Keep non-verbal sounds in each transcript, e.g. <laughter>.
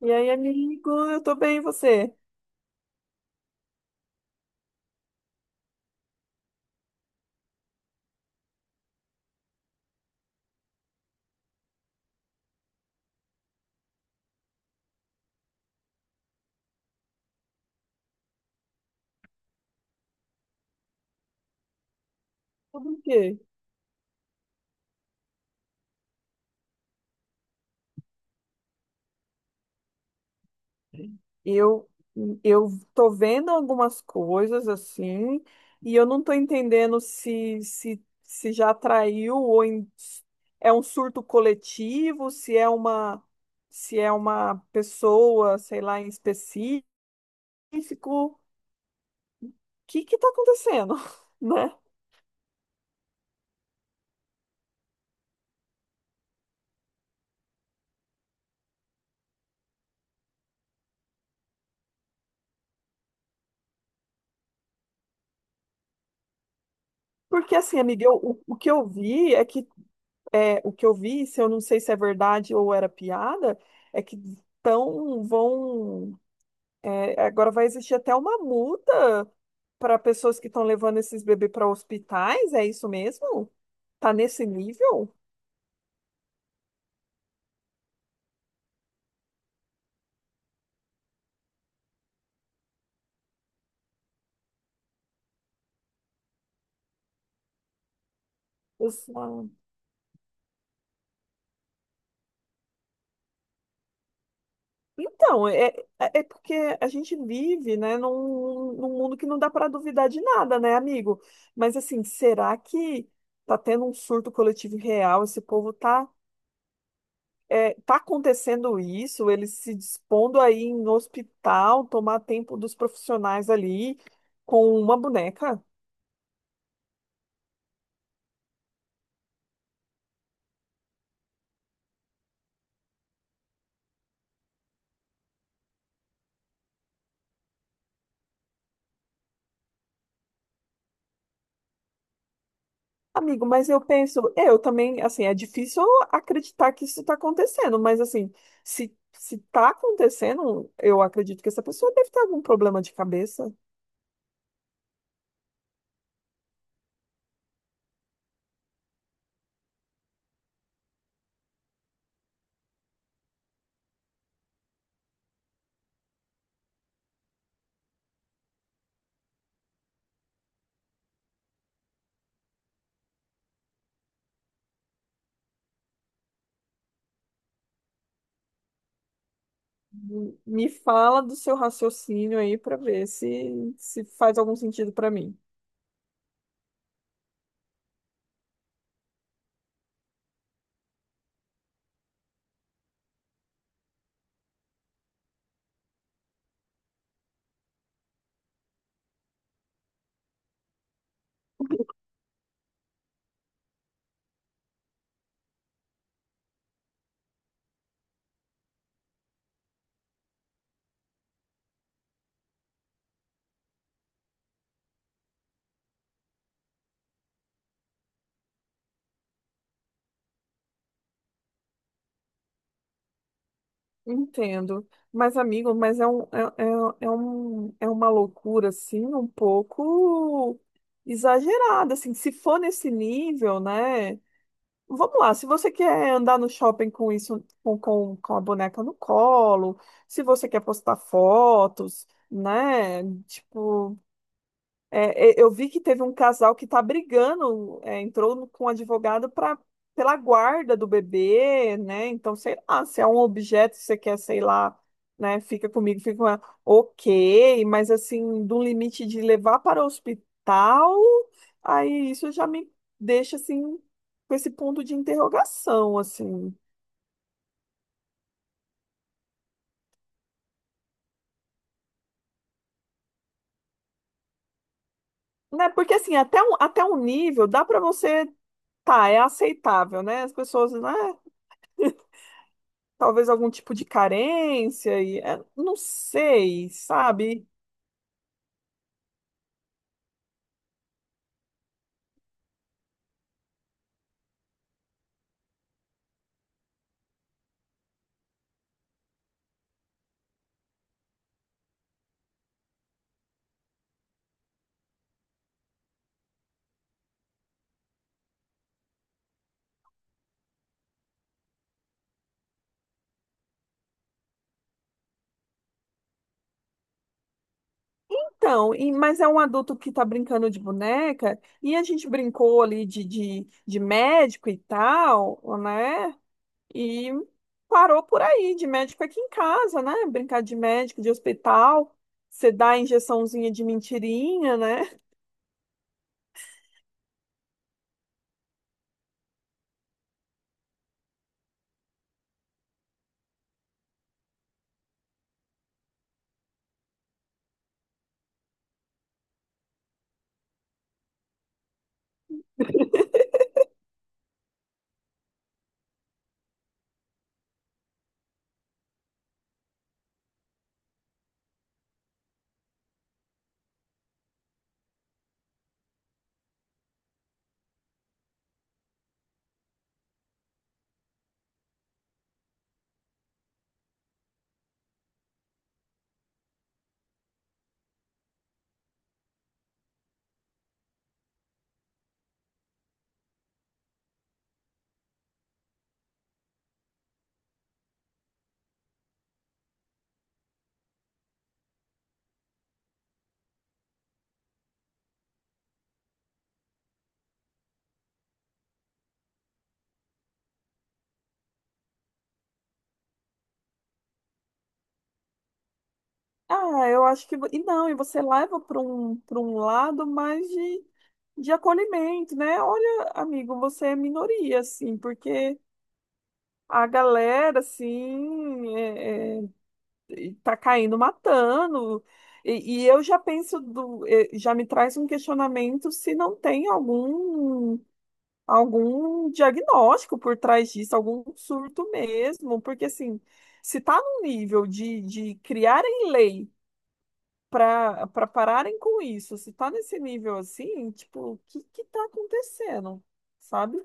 E aí, amigo, eu tô bem, e você? Tudo o quê? Eu, eu tô vendo algumas coisas assim, e eu não tô entendendo se, se já atraiu ou é um surto coletivo, se é uma, se é uma pessoa, sei lá, em específico. O que que tá acontecendo, <laughs> né? Porque assim, amiga, o que eu vi é que é, o que eu vi, se eu não sei se é verdade ou era piada, é que tão, vão. Agora vai existir até uma multa para pessoas que estão levando esses bebês para hospitais, é isso mesmo? Tá nesse nível? Os- ah, é, é porque a gente vive, né, num mundo que não dá para duvidar de nada, né, amigo? Mas assim, será que tá tendo um surto coletivo real? Esse povo tá, é, tá acontecendo isso? Eles se dispondo aí no hospital, tomar tempo dos profissionais ali com uma boneca? Amigo, mas eu penso, eu também, assim, é difícil acreditar que isso está acontecendo, mas assim, se está acontecendo, eu acredito que essa pessoa deve ter algum problema de cabeça. Me fala do seu raciocínio aí para ver se faz algum sentido para mim. Entendo, mas amigo, mas é uma loucura assim, um pouco exagerada, assim, se for nesse nível, né? Vamos lá, se você quer andar no shopping com isso, com a boneca no colo, se você quer postar fotos, né? Tipo, eu vi que teve um casal que tá brigando, é, entrou no- com um advogado pra, pela guarda do bebê, né? Então, sei lá, se é um objeto que você quer, sei lá, né? Fica comigo, fica com ela. Ok, mas assim, do limite de levar para o hospital, aí isso já me deixa assim, com esse ponto de interrogação, assim. Né? Porque assim, até um nível dá pra você, tá, é aceitável, né? As pessoas, né? Talvez algum tipo de carência e é, não sei, sabe? Então, mas é um adulto que tá brincando de boneca e a gente brincou ali de, de médico e tal, né? E parou por aí, de médico aqui em casa, né? Brincar de médico, de hospital, você dá a injeçãozinha de mentirinha, né? <laughs> Ah, eu acho que. Não, e você leva para um lado mais de acolhimento, né? Olha, amigo, você é minoria, assim, porque a galera, assim, tá caindo matando. E eu já penso, do, eh, já me traz um questionamento se não tem algum, algum diagnóstico por trás disso, algum surto mesmo, porque, assim, se está num nível de criarem lei para pararem com isso. Se tá nesse nível assim, tipo, o que que tá acontecendo? Sabe?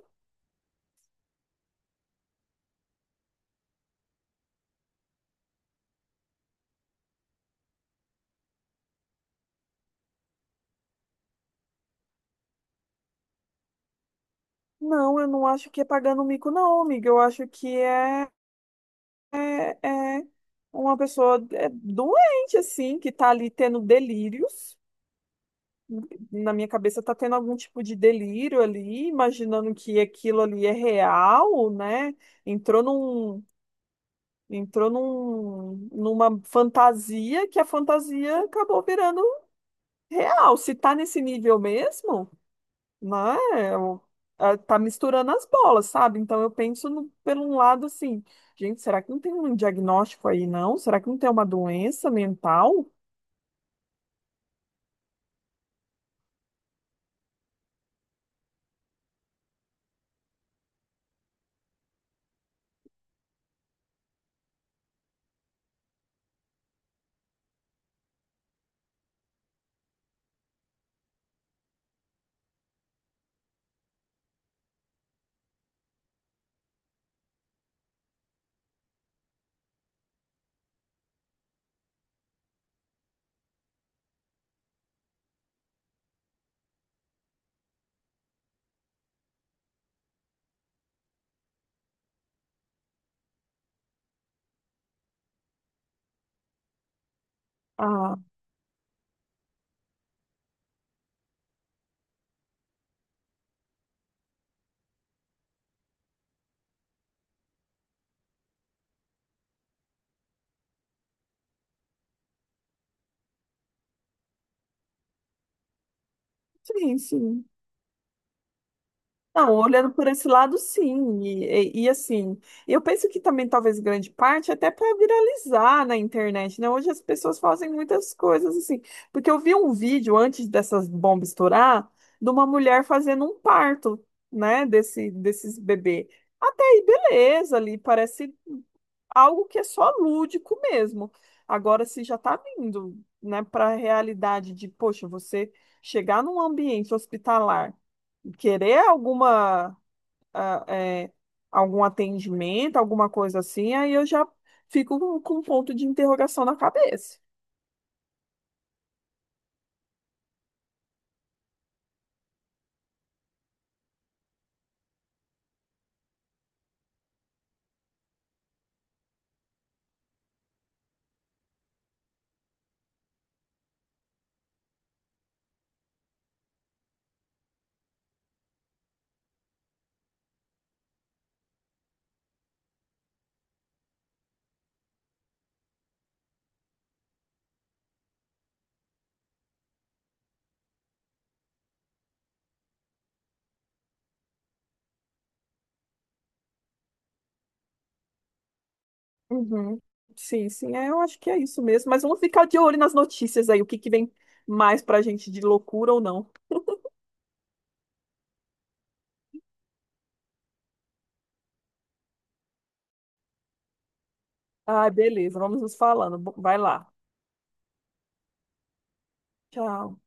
Não, eu não acho que é pagando mico, não, amiga. Eu acho que é, é uma pessoa é, doente, assim, que tá ali tendo delírios. Na minha cabeça tá tendo algum tipo de delírio ali, imaginando que aquilo ali é real, né? Entrou num, entrou num, numa fantasia que a fantasia acabou virando real, se tá nesse nível mesmo, né? eu- tá misturando as bolas, sabe? Então eu penso no, pelo um lado assim, gente, será que não tem um diagnóstico aí, não? Será que não tem uma doença mental? Ah, sim, sim. Não, olhando por esse lado, sim. E, assim, eu penso que também talvez grande parte até para viralizar na internet, né? Hoje as pessoas fazem muitas coisas assim. Porque eu vi um vídeo antes dessas bombas estourar de uma mulher fazendo um parto, né? Desse, desses bebê. Até aí, beleza, ali parece algo que é só lúdico mesmo. Agora, se já está vindo, né, para a realidade de, poxa, você chegar num ambiente hospitalar e querer alguma, ah, é, algum atendimento, alguma coisa assim, aí eu já fico com um ponto de interrogação na cabeça. Uhum. Sim, sim, é, eu acho que é isso mesmo. Mas vamos ficar de olho nas notícias aí, o que que vem mais pra gente de loucura ou não. Ah, beleza, vamos nos falando. Vai lá. Tchau.